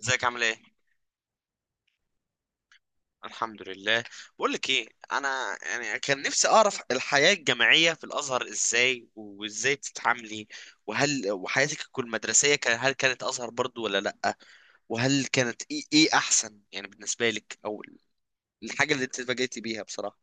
ازيك عامل ايه؟ الحمد لله. بقول لك ايه، انا يعني كان نفسي اعرف الحياة الجامعية في الازهر ازاي، وازاي بتتعاملي، وهل وحياتك المدرسية كان هل كانت ازهر برضو ولا لا، وهل كانت ايه احسن يعني بالنسبة لك، او الحاجة اللي انت اتفاجئتي بيها بصراحة.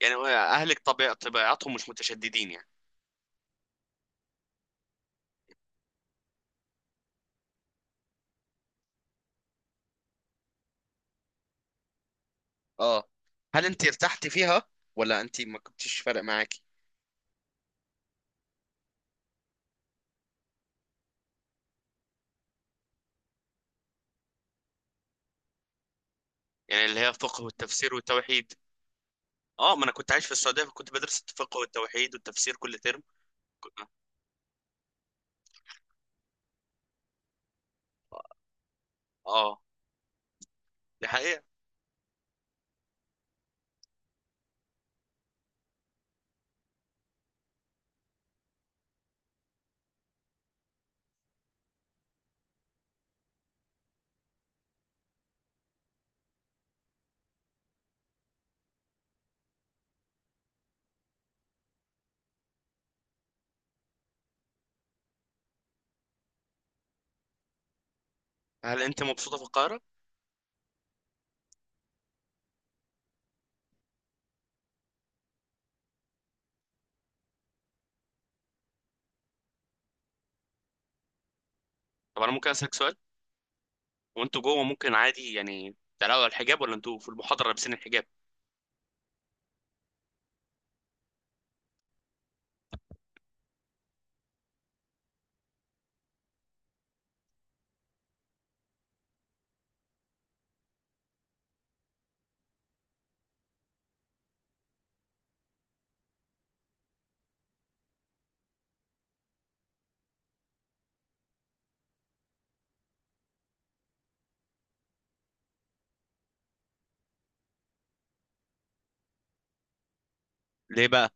يعني هو اهلك طبيعتهم مش متشددين يعني. اه، هل انت ارتحتي فيها ولا انت ما كنتش فارق معاكي؟ يعني اللي هي الفقه والتفسير والتوحيد. اه، ما انا كنت عايش في السعوديه فكنت بدرس الفقه والتوحيد والتفسير كل ترم. اه، دي حقيقة. هل انت مبسوطة في القاهرة؟ طب انا ممكن اسألك سؤال؟ هو انتوا جوه ممكن عادي يعني تقلعوا الحجاب، ولا انتوا في المحاضرة لابسين الحجاب؟ ليه بقى؟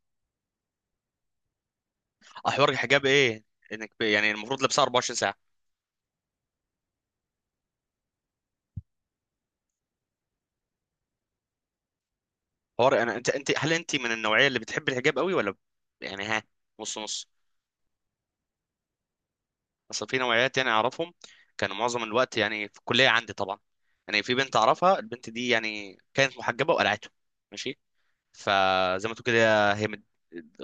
احوار الحجاب ايه؟ انك يعني المفروض لابسها 24 ساعة. حوار انا انت، هل انت من النوعية اللي بتحب الحجاب قوي، ولا يعني، ها، نص نص؟ اصل في نوعيات يعني اعرفهم، كانوا معظم الوقت يعني في الكلية عندي طبعا. يعني في بنت اعرفها، البنت دي يعني كانت محجبة وقلعته. ماشي. فزي ما تقول كده هي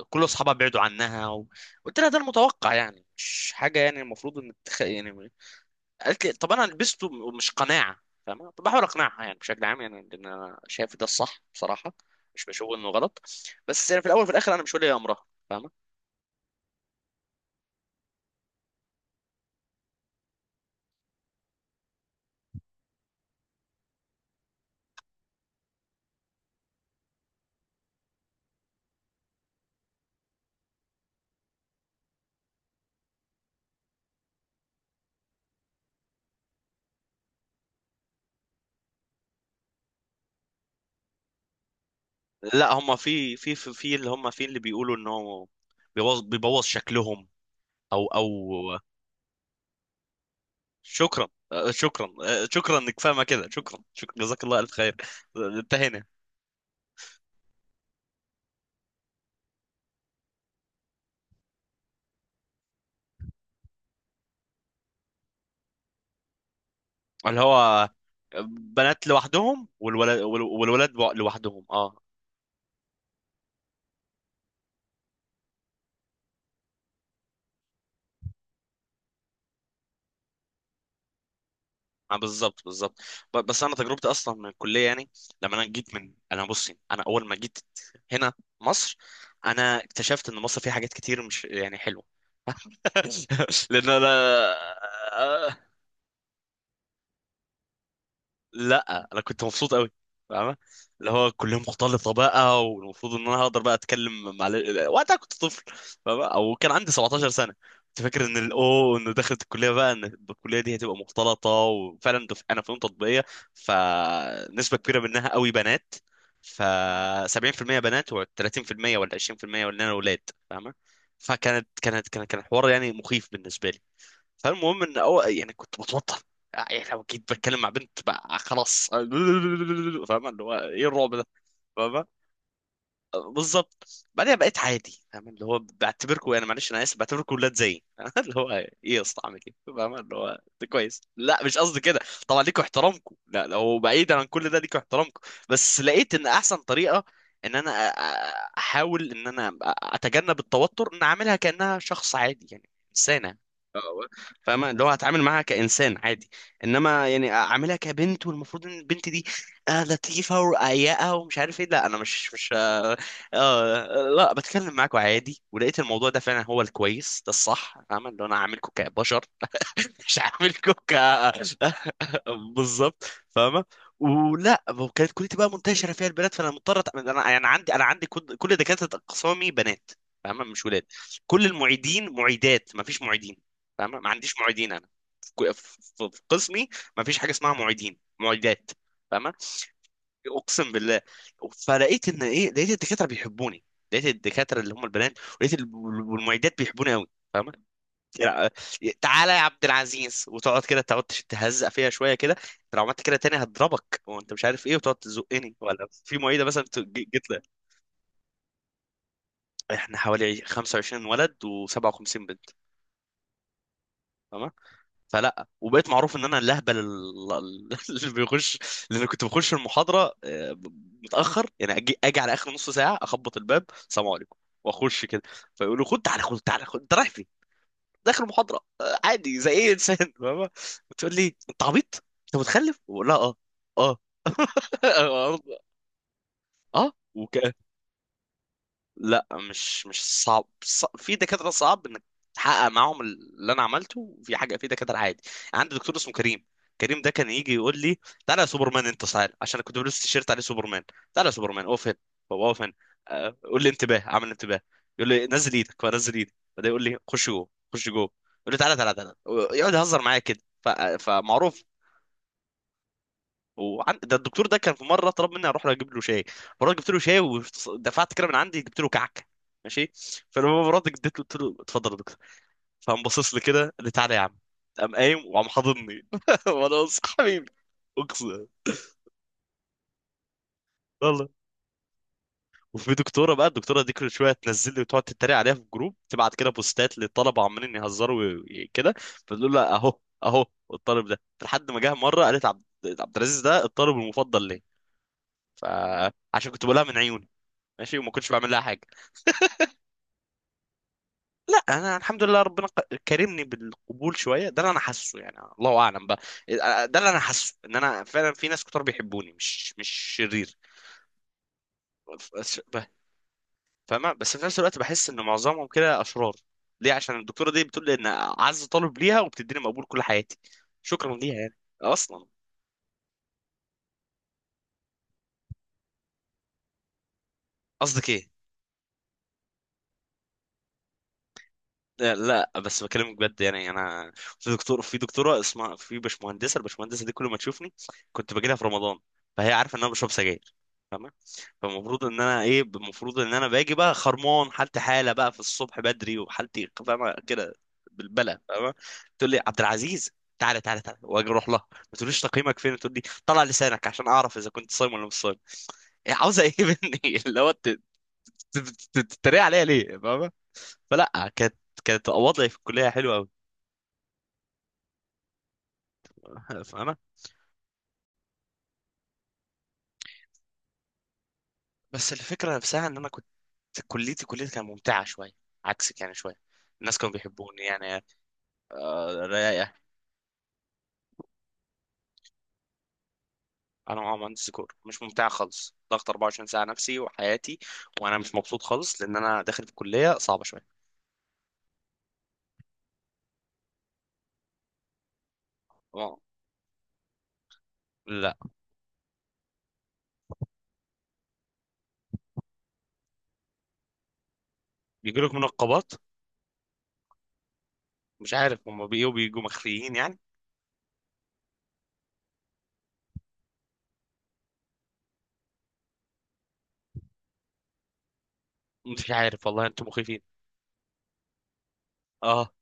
كل اصحابها بعدوا عنها قلت لها ده المتوقع، يعني مش حاجه يعني المفروض ان يعني. قالت لي طب انا لبسته مش قناعه، فاهمه؟ طب بحاول اقنعها يعني بشكل عام، يعني لان انا شايف ده الصح بصراحه، مش بشوف انه غلط. بس يعني في الاول وفي الاخر انا مش ولي امرها، فاهمه؟ لا هم في اللي هم في اللي بيقولوا انه بيبوظ شكلهم، او. شكرا، آه، شكرا، آه، شكرا انك فاهمه كده، شكرا، شكرا، جزاك الله الف خير. انتهينا. اللي هو بنات لوحدهم والولاد لوحدهم. اه، آه، بالظبط بالظبط. بس انا تجربتي اصلا من الكليه يعني، لما انا جيت من، انا بصي، انا اول ما جيت هنا مصر، انا اكتشفت ان مصر فيها حاجات كتير مش يعني حلوه. لان انا، آه، لا انا كنت مبسوط قوي، فاهمة؟ اللي هو كلهم مختلطة بقى، والمفروض ان انا هقدر بقى اتكلم مع وقتها كنت طفل، فاهمة؟ او كان عندي 17 سنة، كنت فاكر ان الاو ان دخلت الكلية بقى، ان الكلية دي هتبقى مختلطة، وفعلا انا فنون تطبيقية، فنسبة كبيرة منها قوي بنات، ف 70% بنات و30% ولا 20% ولا، انا، اولاد، فاهمة؟ فكانت كان حوار يعني مخيف بالنسبة لي. فالمهم ان، أو يعني، كنت بتوتر، يعني لو جيت بتكلم مع بنت بقى خلاص. فاهم اللي هو ايه الرعب ده. بالظبط. بعدين بقيت عادي، فاهم؟ اللي هو بعتبركم، يعني معلش انا اسف، بعتبركم ولاد زيي. اللي هو ايه يا اسطى، اعمل ايه؟ فاهم اللي هو ده كويس. لا مش قصدي كده، طبعا ليكوا احترامكم، لا لو بعيدا عن كل ده ليكوا احترامكم، بس لقيت ان احسن طريقه ان انا احاول ان انا اتجنب التوتر، ان اعملها كانها شخص عادي يعني انسانه، فاهمة؟ اللي هو هتعامل معاها كإنسان عادي، إنما يعني أعاملها كبنت والمفروض إن البنت دي آه لطيفة ورقيقة ومش عارف إيه، لا أنا مش، آه، لا بتكلم معاكم عادي. ولقيت الموضوع ده فعلا هو الكويس، ده الصح، فاهم اللي انا عاملكم كبشر، مش عاملكم ك. بالظبط، فاهمه؟ ولا وكانت كليتي بقى منتشره فيها البنات، فانا مضطر انا يعني عندي، انا عندي كل دكاتره اقسامي بنات، فاهمه؟ مش ولاد. كل المعيدين معيدات، ما فيش معيدين، فاهمه؟ ما عنديش معيدين انا في في قسمي، ما فيش حاجه اسمها معيدين معيدات، فاهمه؟ اقسم بالله. فلقيت ان ايه، لقيت الدكاتره بيحبوني، لقيت الدكاتره اللي هم البنات، ولقيت والمعيدات بيحبوني قوي، فاهمه؟ يعني، آه، تعالى يا عبد العزيز، وتقعد كده، تقعد تهزق فيها شويه كده، لو عملت كده تاني هضربك، وانت مش عارف ايه، وتقعد تزقني. ولا في معيده مثلا جت لها. احنا حوالي 25 ولد و57 بنت. فلا، وبقيت معروف ان انا الاهبل اللي بيخش، لان كنت بخش المحاضره، آه، متاخر، يعني اجي على اخر نص ساعه، اخبط الباب، السلام عليكم، واخش كده. فيقولوا خد تعالى، خد تعالى، خد، انت رايح فين؟ داخل المحاضره، آه، عادي زي اي انسان. فاهمة؟ بتقول لي انت عبيط؟ انت متخلف؟ ولا، اه. اه. اه، لا مش صعب، في دكاترة صعب انك تحقق معاهم اللي انا عملته، في حاجة. في دكاترة عادي، يعني عندي دكتور اسمه كريم، كريم ده كان يجي يقول لي تعالى يا سوبرمان، انت تعالى، عشان أنا كنت بلبس تيشيرت عليه سوبرمان. تعالى يا سوبرمان، اقف هنا، بابا اقف هنا، آه، قول لي انتباه، اعمل انتباه. يقول لي نزل ايدك فانزل ايدي، بعدين يقول لي خش جوه، خش جوه، يقول لي تعالى تعالى تعالى، يقعد يهزر معايا كده، فمعروف. ده الدكتور ده كان في مره طلب مني اروح اجيب له شاي، مرات جبت له شاي ودفعت كده من عندي، جبت له كعكه، ماشي. فلما مرات اديت له قلت له اتفضل يا دكتور، فقام باصص لي كده، قال لي تعالى يا عم، قام قايم وقام حاضني. وانا بص حبيبي، اقسم والله. وفي دكتوره بقى، الدكتوره دي كل شويه تنزل لي وتقعد تتريق عليها في الجروب، تبعت كده بوستات للطلبه، عمالين يهزروا كده، فتقول لها اهو اهو، الطالب ده، لحد ما جه مره قالت عبد، عبد العزيز ده الطالب المفضل ليه، فعشان كنت بقولها من عيوني، ماشي، وما كنتش بعمل لها حاجه. لا انا الحمد لله ربنا كرمني بالقبول شويه، ده اللي انا حاسه، يعني الله اعلم بقى، ده اللي انا حاسه، ان انا فعلا في ناس كتار بيحبوني، مش مش شرير. بس- ب- فاهمه؟ بس في نفس الوقت بحس ان معظمهم كده اشرار. ليه؟ عشان الدكتوره دي بتقول لي ان اعز طالب ليها، وبتديني مقبول كل حياتي، شكرا ليها يعني. اصلا. قصدك ايه؟ لا بس بكلمك بجد، يعني انا في دكتور، في دكتوره اسمها، في باشمهندسه، الباشمهندسه دي كل ما تشوفني، كنت باجي لها في رمضان، فهي عارفه ان انا بشرب سجاير، فاهمه؟ فالمفروض ان انا ايه، المفروض ان انا باجي بقى خرمان، حالتي حاله بقى، في الصبح بدري، وحالتي فاهمه كده، بالبلى، فاهمه؟ تقول لي عبد العزيز، تعالى تعالى تعالى، واجي اروح لها، ما تقوليش تقييمك فين، تقول لي طلع لسانك عشان اعرف اذا كنت صايم ولا مش صايم. إيه عاوزه ايه مني؟ اللي هو ت- تتريق عليا ليه، فاهمه؟ فلا كانت، كانت وضعي في الكليه حلو قوي، فاهمه؟ بس الفكره نفسها، ان انا كنت، كليتي كانت ممتعه شويه، عكسك يعني شويه، الناس كانوا بيحبوني يعني، آه، رايقه. انا معايا مهندس ديكور، مش ممتعه خالص، ضغط 24 ساعه نفسي وحياتي، وانا مش مبسوط خالص، لان انا داخل في كليه صعبه شويه. آه، لا بيجي لك منقبات. مش عارف هم بيجوا مخفيين يعني. مش عارف والله، انتم مخيفين. اه.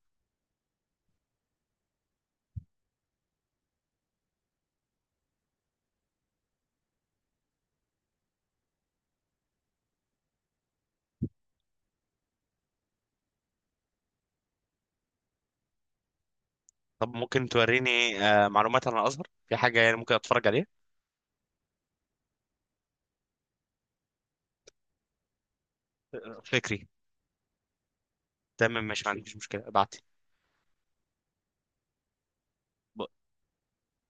طب ممكن توريني آه معلومات عن الازهر، في حاجه يعني ممكن اتفرج عليها؟ آه، فكري. تمام ماشي، ما عنديش مشكلة، ابعتي.